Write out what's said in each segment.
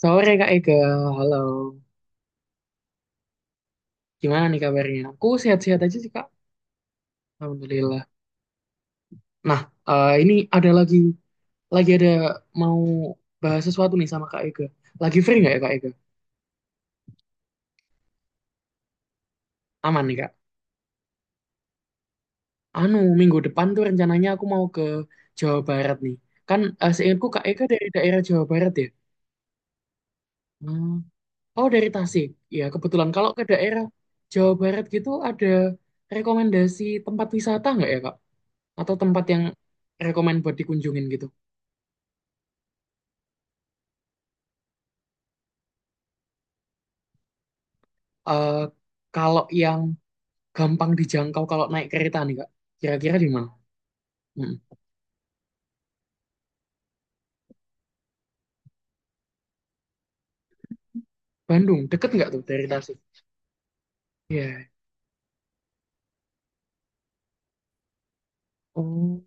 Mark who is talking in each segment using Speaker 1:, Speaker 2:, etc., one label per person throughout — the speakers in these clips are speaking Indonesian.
Speaker 1: Sore Kak Ega, halo. Gimana nih kabarnya? Aku sehat-sehat aja sih Kak, Alhamdulillah. Nah, ini ada lagi ada mau bahas sesuatu nih sama Kak Ega. Lagi free nggak ya Kak Ega? Aman nih Kak. Anu, minggu depan tuh rencananya aku mau ke Jawa Barat nih. Kan seingatku Kak Ega dari daerah Jawa Barat ya? Hmm. Oh, dari Tasik. Ya, kebetulan kalau ke daerah Jawa Barat gitu ada rekomendasi tempat wisata nggak ya Kak? Atau tempat yang rekomend buat dikunjungin gitu? Eh, kalau yang gampang dijangkau kalau naik kereta nih Kak, kira-kira di mana? Mm. Bandung, deket nggak tuh dari Tasik? Iya. Oh,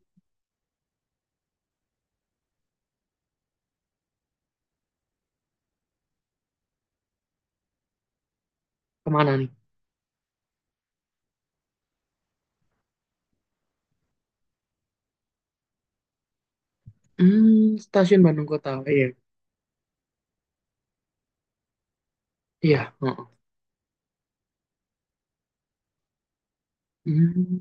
Speaker 1: kemana nih? Hmm, stasiun Bandung Kota. Iya, iya, heeh. Hmm.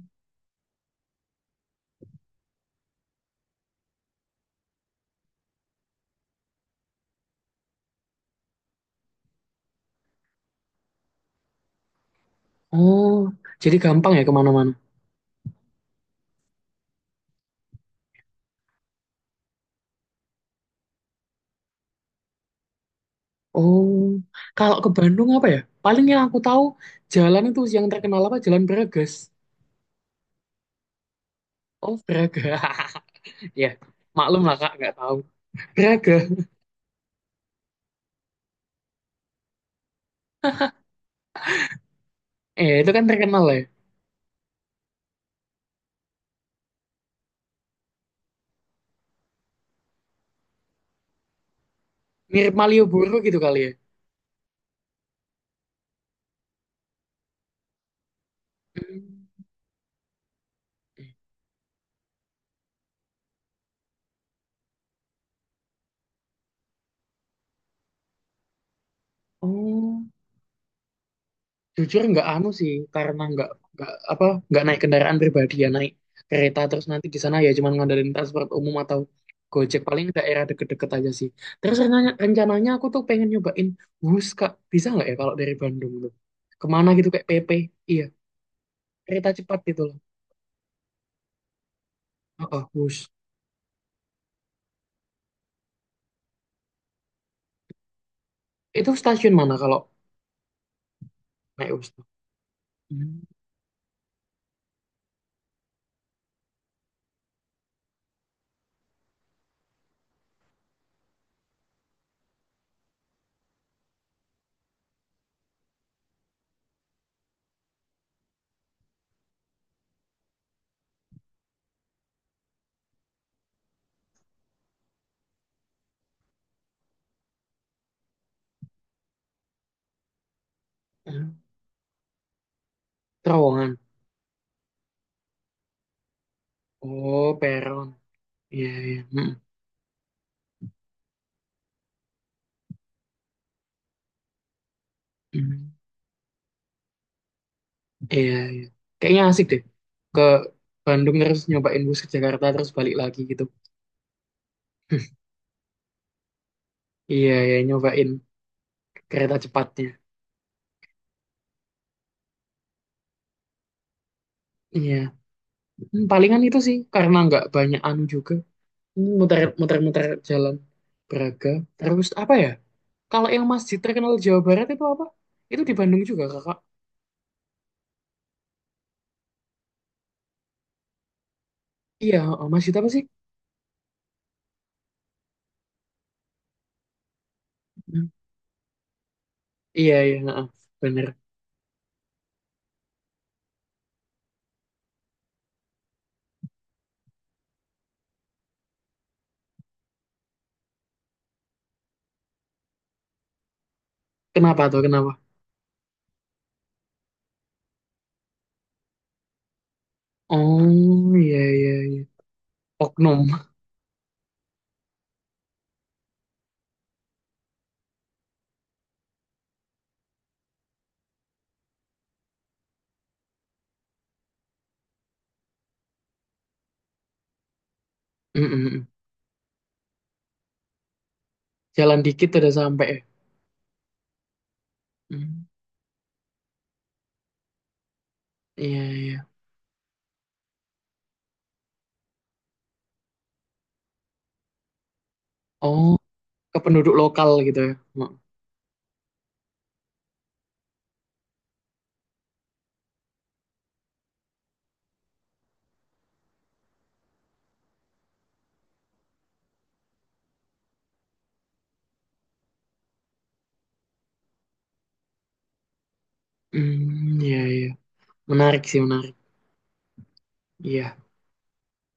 Speaker 1: Oh, jadi gampang ya kemana-mana. Oh, kalau ke Bandung apa ya? Paling yang aku tahu jalan itu yang terkenal apa? Jalan Bragas. Oh, Braga. Ya, maklum lah Kak, nggak tahu. Braga. Eh, itu kan terkenal ya. Mirip Malioboro gitu kali ya. Hmm. Oh, jujur nggak anu sih, karena nggak apa nggak naik kendaraan pribadi ya naik kereta terus nanti di sana ya cuman ngandelin transport umum atau Gojek paling daerah deket-deket aja sih. Terus rencananya aku tuh pengen nyobain bus kak, bisa nggak ya kalau dari Bandung tuh kemana gitu kayak PP, iya kereta cepat gitu loh. Oh, bus itu stasiun mana kalau naik bus tuh? Hmm. Terowongan. Oh, peron. Iya, iya. Mm. Iya, iya. Kayaknya asik deh. Ke Bandung terus nyobain bus ke Jakarta terus balik lagi gitu. Iya, ya nyobain kereta cepatnya. Iya. Hmm, palingan itu sih karena nggak banyak anu juga. Hmm, muter muter muter jalan Braga. Terus apa ya? Kalau yang masjid terkenal Jawa Barat itu apa? Itu di Bandung juga, Kakak. Iya, oh, masjid apa sih? Hmm. Iya, iya, heeh. Bener. Kenapa tuh? Kenapa? Oh, iya, iya, iya. Oknum. Mm, mm, mm. Jalan dikit udah sampai, ya. Hmm. Iya, iya. Oh, ke penduduk lokal gitu ya. Hmm, hmm, iya, iya. Menarik sih, menarik. Iya.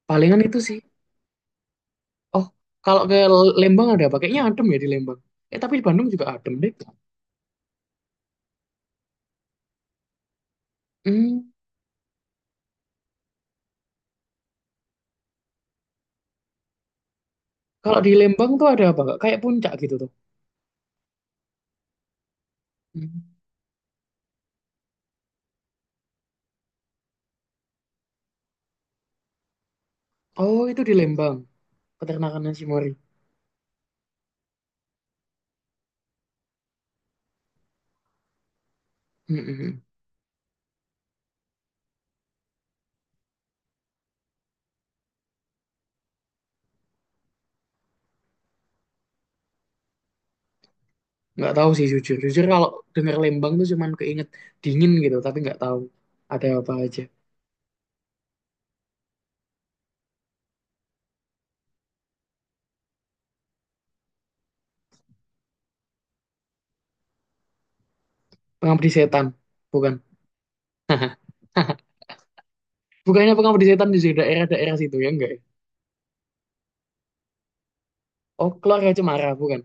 Speaker 1: Palingan itu sih. Oh, kalau ke Lembang ada apa? Kayaknya adem ya di Lembang. Eh, tapi di Bandung juga adem deh. Hmm, kalau di Lembang tuh ada apa, Kak? Kayak puncak gitu tuh. Hmm. Oh, itu di Lembang. Peternakannya si Mori. Hmm, hmm, hmm. Nggak tahu sih jujur. Jujur kalau dengar Lembang tuh cuman keinget dingin gitu. Tapi nggak tahu ada apa aja. Pengabdi setan. Bukan. Bukannya pengabdi setan di daerah-daerah situ ya enggak? Oh, keluarga Cemara, bukan?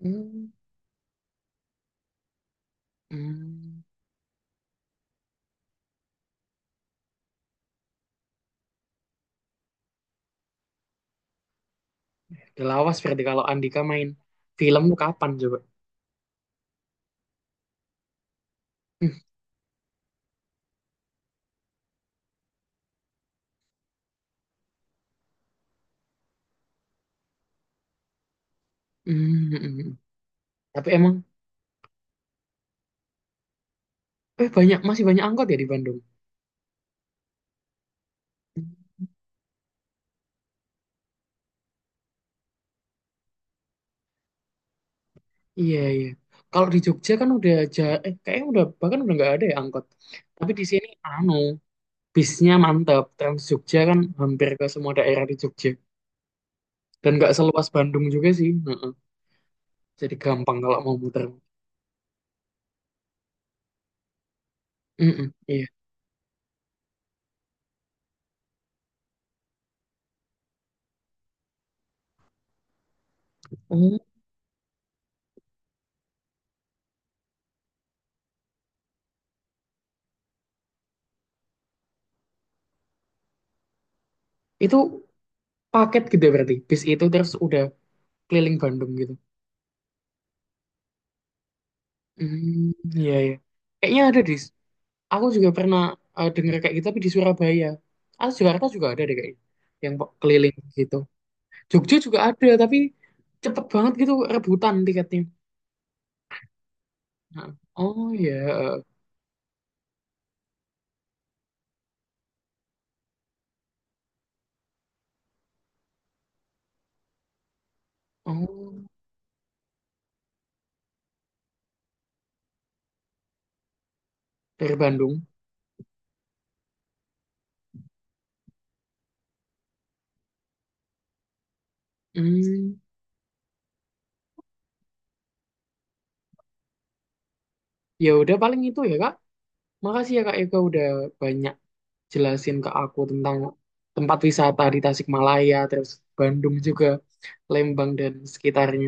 Speaker 1: Hmm, hmm. Udah lawas berarti kalau Andika main film tuh kapan coba? Hmm. Hmm, hmm, hmm, hmm. Tapi emang banyak, masih banyak angkot ya di Bandung. Hmm. Iya, iya. Kalau di Jogja kan udah aja kayaknya udah bahkan udah nggak ada ya angkot. Tapi di sini anu, bisnya mantap. Trans Jogja kan hampir ke semua daerah di Jogja dan nggak seluas Bandung juga sih. Heeh. Jadi gampang kalau mau muter. Mm-mm, iya. Oh, itu paket gede berarti. Bis itu terus udah keliling Bandung gitu. Hmm, iya ya. Kayaknya ada di. Aku juga pernah dengar kayak gitu tapi di Surabaya. Ah, Jakarta juga ada deh kayaknya yang keliling gitu. Jogja juga ada tapi cepet banget gitu rebutan tiketnya. Nah, oh ya, oh dari Bandung. Hmm, ya udah paling itu ya Kak. Makasih ya Kak Eka udah banyak jelasin ke aku tentang tempat wisata di Tasikmalaya, terus Bandung juga, Lembang dan sekitarnya.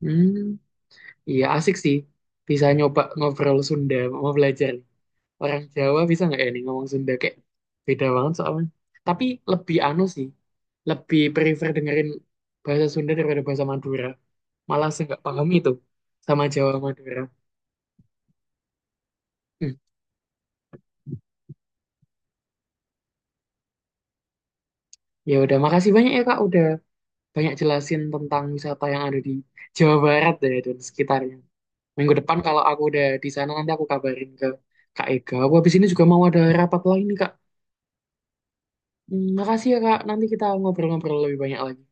Speaker 1: Hmm. Iya asik sih. Bisa nyoba ngobrol Sunda, mau belajar. Orang Jawa bisa nggak ya nih ngomong Sunda kayak beda banget soalnya. Tapi lebih anu sih, lebih prefer dengerin bahasa Sunda daripada bahasa Madura. Malah saya nggak paham itu sama Jawa Madura. Hmm. Ya udah, makasih banyak ya Kak udah banyak jelasin tentang wisata yang ada di Jawa Barat ya dan sekitarnya. Minggu depan kalau aku udah di sana nanti aku kabarin ke Kak Ega. Aku habis ini juga mau ada rapat lain nih Kak. Hmm, makasih ya Kak, nanti kita ngobrol-ngobrol lebih banyak lagi.